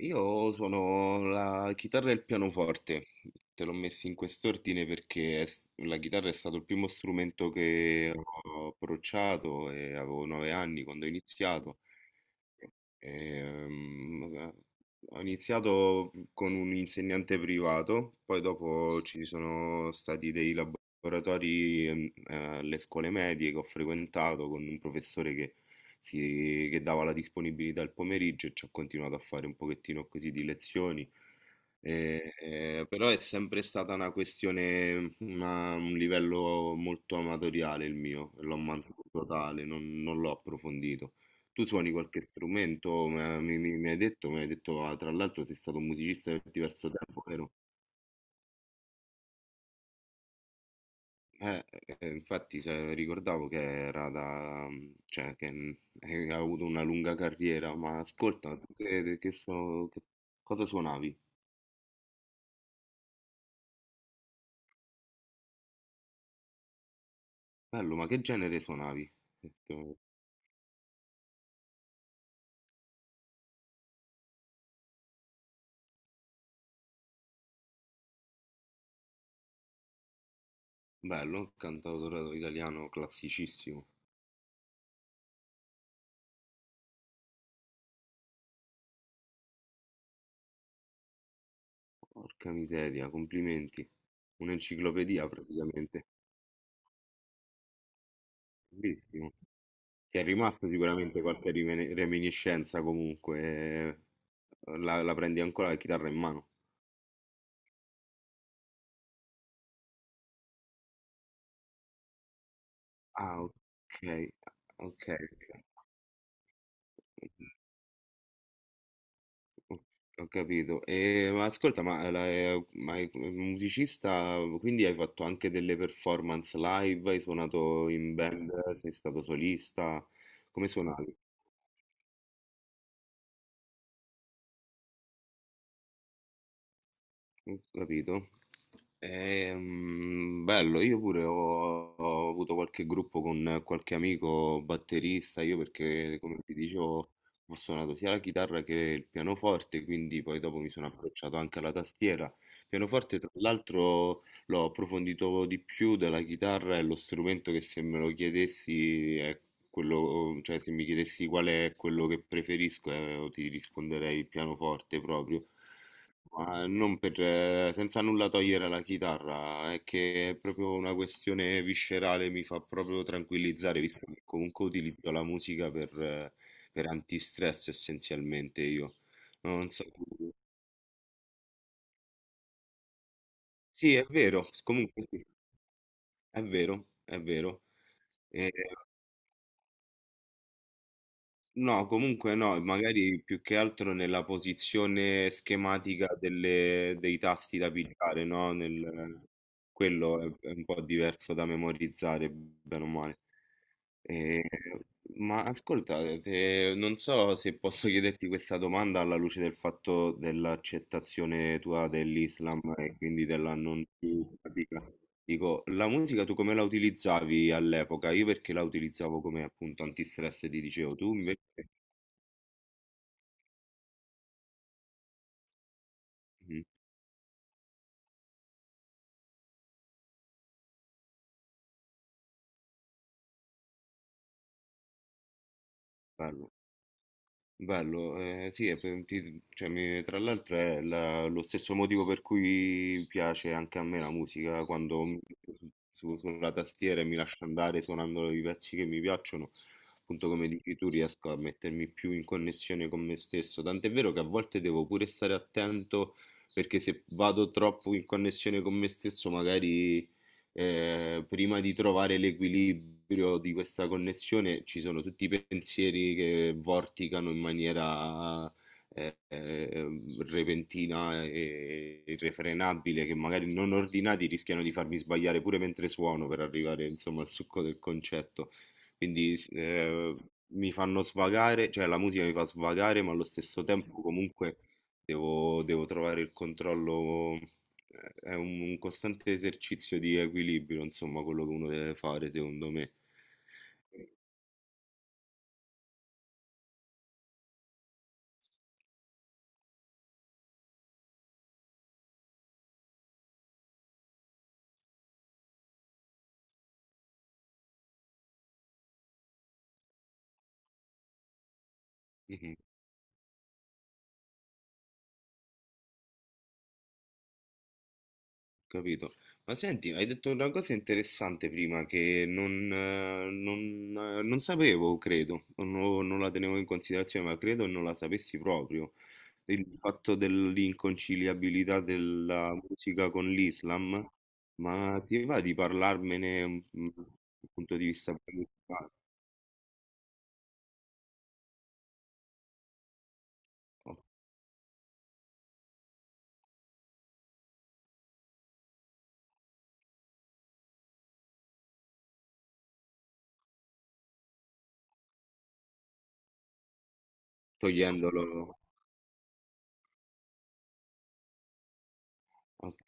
Io suono la chitarra e il pianoforte, te l'ho messi in quest'ordine perché la chitarra è stato il primo strumento che ho approcciato e avevo 9 anni quando ho iniziato. Ehm, Ho iniziato con un insegnante privato, poi dopo ci sono stati dei laboratori alle scuole medie che ho frequentato con un professore che, che dava la disponibilità al pomeriggio e ci ho continuato a fare un pochettino così di lezioni. Però è sempre stata una questione, un livello molto amatoriale il mio, l'ho mantenuto tale, non l'ho approfondito. Tu suoni qualche strumento? Mi hai detto, ah, tra l'altro sei stato un musicista per diverso tempo, vero? Infatti ricordavo che era da, cioè, che hai avuto una lunga carriera. Ma ascolta, tu che so, cosa suonavi? Bello, ma che genere suonavi? Ho detto, bello, un cantautore italiano classicissimo. Porca miseria, complimenti. Un'enciclopedia praticamente. Bellissimo. Ti è rimasta sicuramente qualche reminiscenza comunque, la prendi ancora la chitarra in mano. Ah, ok, ok, ho ho capito. E, ma ascolta, ma, ma è musicista, quindi hai fatto anche delle performance live, hai suonato in band, sei stato solista, come suonavi? Ho capito. Bello, io pure ho avuto qualche gruppo con qualche amico batterista, io perché come ti dicevo ho suonato sia la chitarra che il pianoforte, quindi poi dopo mi sono approcciato anche alla tastiera. Il pianoforte tra l'altro l'ho approfondito di più della chitarra, è lo strumento che, se me lo chiedessi, è quello. Oh, cioè, se mi chiedessi qual è quello che preferisco, ti risponderei pianoforte proprio. Ma non per, senza nulla togliere alla chitarra, è che è proprio una questione viscerale, mi fa proprio tranquillizzare, visto che comunque utilizzo la musica per antistress essenzialmente io. No, non so. Sì, è vero, comunque sì, è vero, è vero. No, comunque no, magari più che altro nella posizione schematica dei tasti da pigiare, no? Quello è un po' diverso da memorizzare, bene o male. Eh, ma ascolta, non so se posso chiederti questa domanda alla luce del fatto dell'accettazione tua dell'Islam e quindi della non più pratica. Dico, la musica tu come la utilizzavi all'epoca? Io perché la utilizzavo come appunto antistress, ti dicevo, tu invece? Mh, Bello, bello, sì, e pe ti cioè mi tra l'altro è la lo stesso motivo per cui piace anche a me la musica, quando mi metto su su sulla tastiera e mi lascio andare suonando i pezzi che mi piacciono, appunto come dici tu riesco a mettermi più in connessione con me stesso, tant'è vero che a volte devo pure stare attento perché se vado troppo in connessione con me stesso magari, prima di trovare l'equilibrio di questa connessione, ci sono tutti i pensieri che vorticano in maniera eh, eh, repentina e irrefrenabile, che magari non ordinati rischiano di farmi sbagliare pure mentre suono per arrivare insomma al succo del concetto. Quindi mi fanno svagare, cioè la musica mi fa svagare, ma allo stesso tempo comunque devo trovare il controllo. È un costante esercizio di equilibrio, insomma, quello che uno deve fare, secondo me. Mhm. Capito? Ma senti, hai detto una cosa interessante prima che non sapevo, credo, o non la tenevo in considerazione, ma credo non la sapessi proprio. Il fatto dell'inconciliabilità della musica con l'Islam, ma ti va di parlarmene dal punto di vista principale, togliendolo? Ok.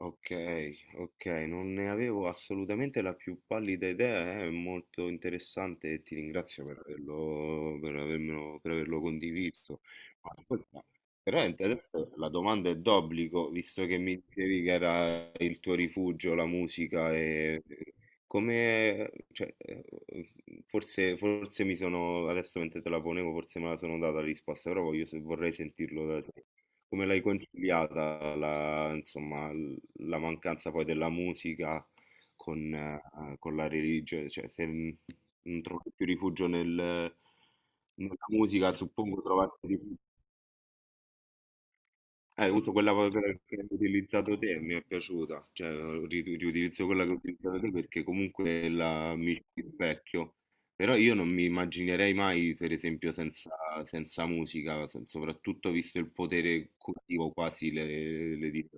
Okay, okay, non ne avevo assolutamente la più pallida idea, è molto interessante e ti ringrazio per averlo condiviso. Ma ascolta, veramente adesso la domanda è d'obbligo, visto che mi dicevi che era il tuo rifugio la musica. Come cioè, forse mi sono adesso mentre te la ponevo forse me la sono data la risposta, però voglio se vorrei sentirlo da te. Come l'hai conciliata la insomma l la mancanza poi della musica con la religione, cioè se n- non trovi più rifugio nella musica, suppongo trovarti rifugio. Eh, uso quella che hai utilizzato te, mi è piaciuta, cioè riutilizzo quella che ho utilizzato te perché comunque la mi rispecchio, però io non mi immaginerei mai, per esempio, senza, senza musica, soprattutto visto il potere curativo quasi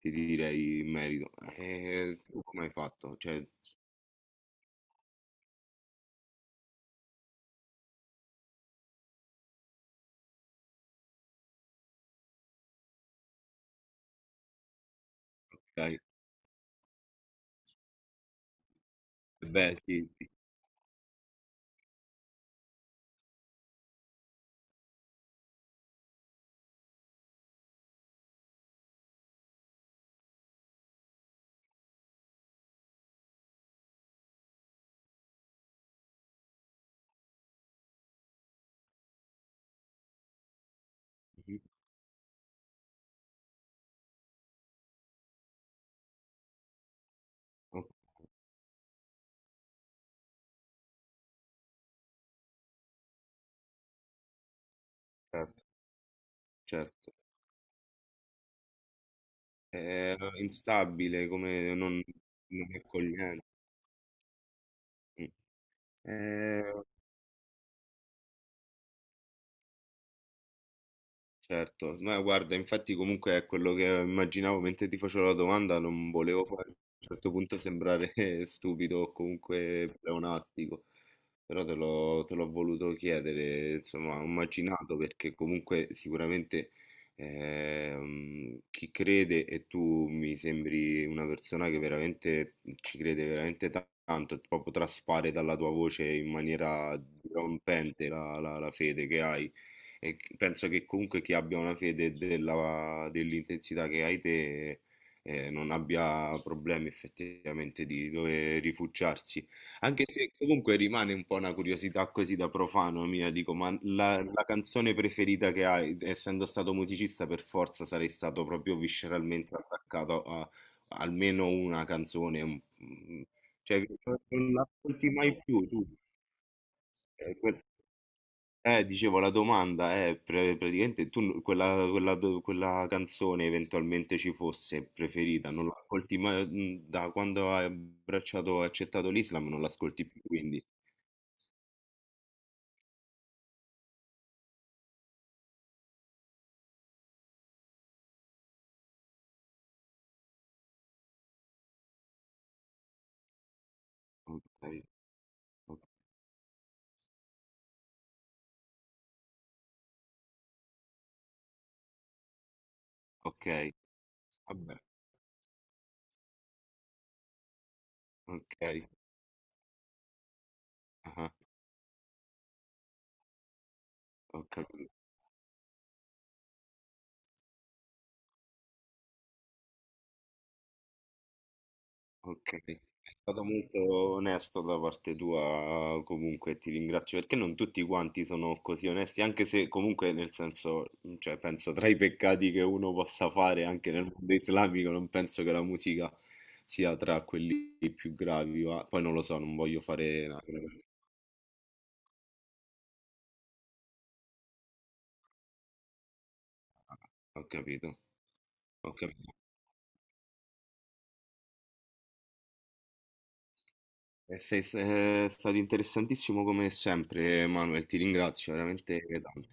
ti direi in merito. E tu come hai fatto? Cioè, dai, beh, sì, sì, sì. Oh, certo, certo. È instabile, come non, non è accogliente. Eh, certo, ma guarda, infatti comunque è quello che immaginavo mentre ti facevo la domanda, non volevo poi a un certo punto sembrare stupido o comunque pleonastico, però te l'ho voluto chiedere, insomma, ho immaginato perché comunque sicuramente chi crede, e tu mi sembri una persona che veramente ci crede veramente tanto, proprio traspare dalla tua voce in maniera dirompente la fede che hai. E penso che comunque chi abbia una fede dell'intensità che hai te non abbia problemi effettivamente di dove rifugiarsi. Anche se comunque rimane un po' una curiosità così da profano mia, dico, ma la canzone preferita che hai, essendo stato musicista, per forza sarei stato proprio visceralmente attaccato a almeno una canzone, cioè non l'ascolti mai più tu. Eh, que- Dicevo, la domanda è praticamente tu quella, quella canzone, eventualmente ci fosse preferita, non l'ascolti mai, da quando hai abbracciato e accettato l'Islam, non l'ascolti più, quindi ok, ok, ok, vabbè, ok, ah, ho capito. Ok, è stato molto onesto da parte tua, comunque ti ringrazio perché non tutti quanti sono così onesti, anche se comunque nel senso, cioè penso tra i peccati che uno possa fare anche nel mondo islamico, non penso che la musica sia tra quelli più gravi, ma poi non lo so, non voglio fare... Ho capito, ho capito. E è stato interessantissimo come sempre, Manuel, ti ringrazio veramente tanto.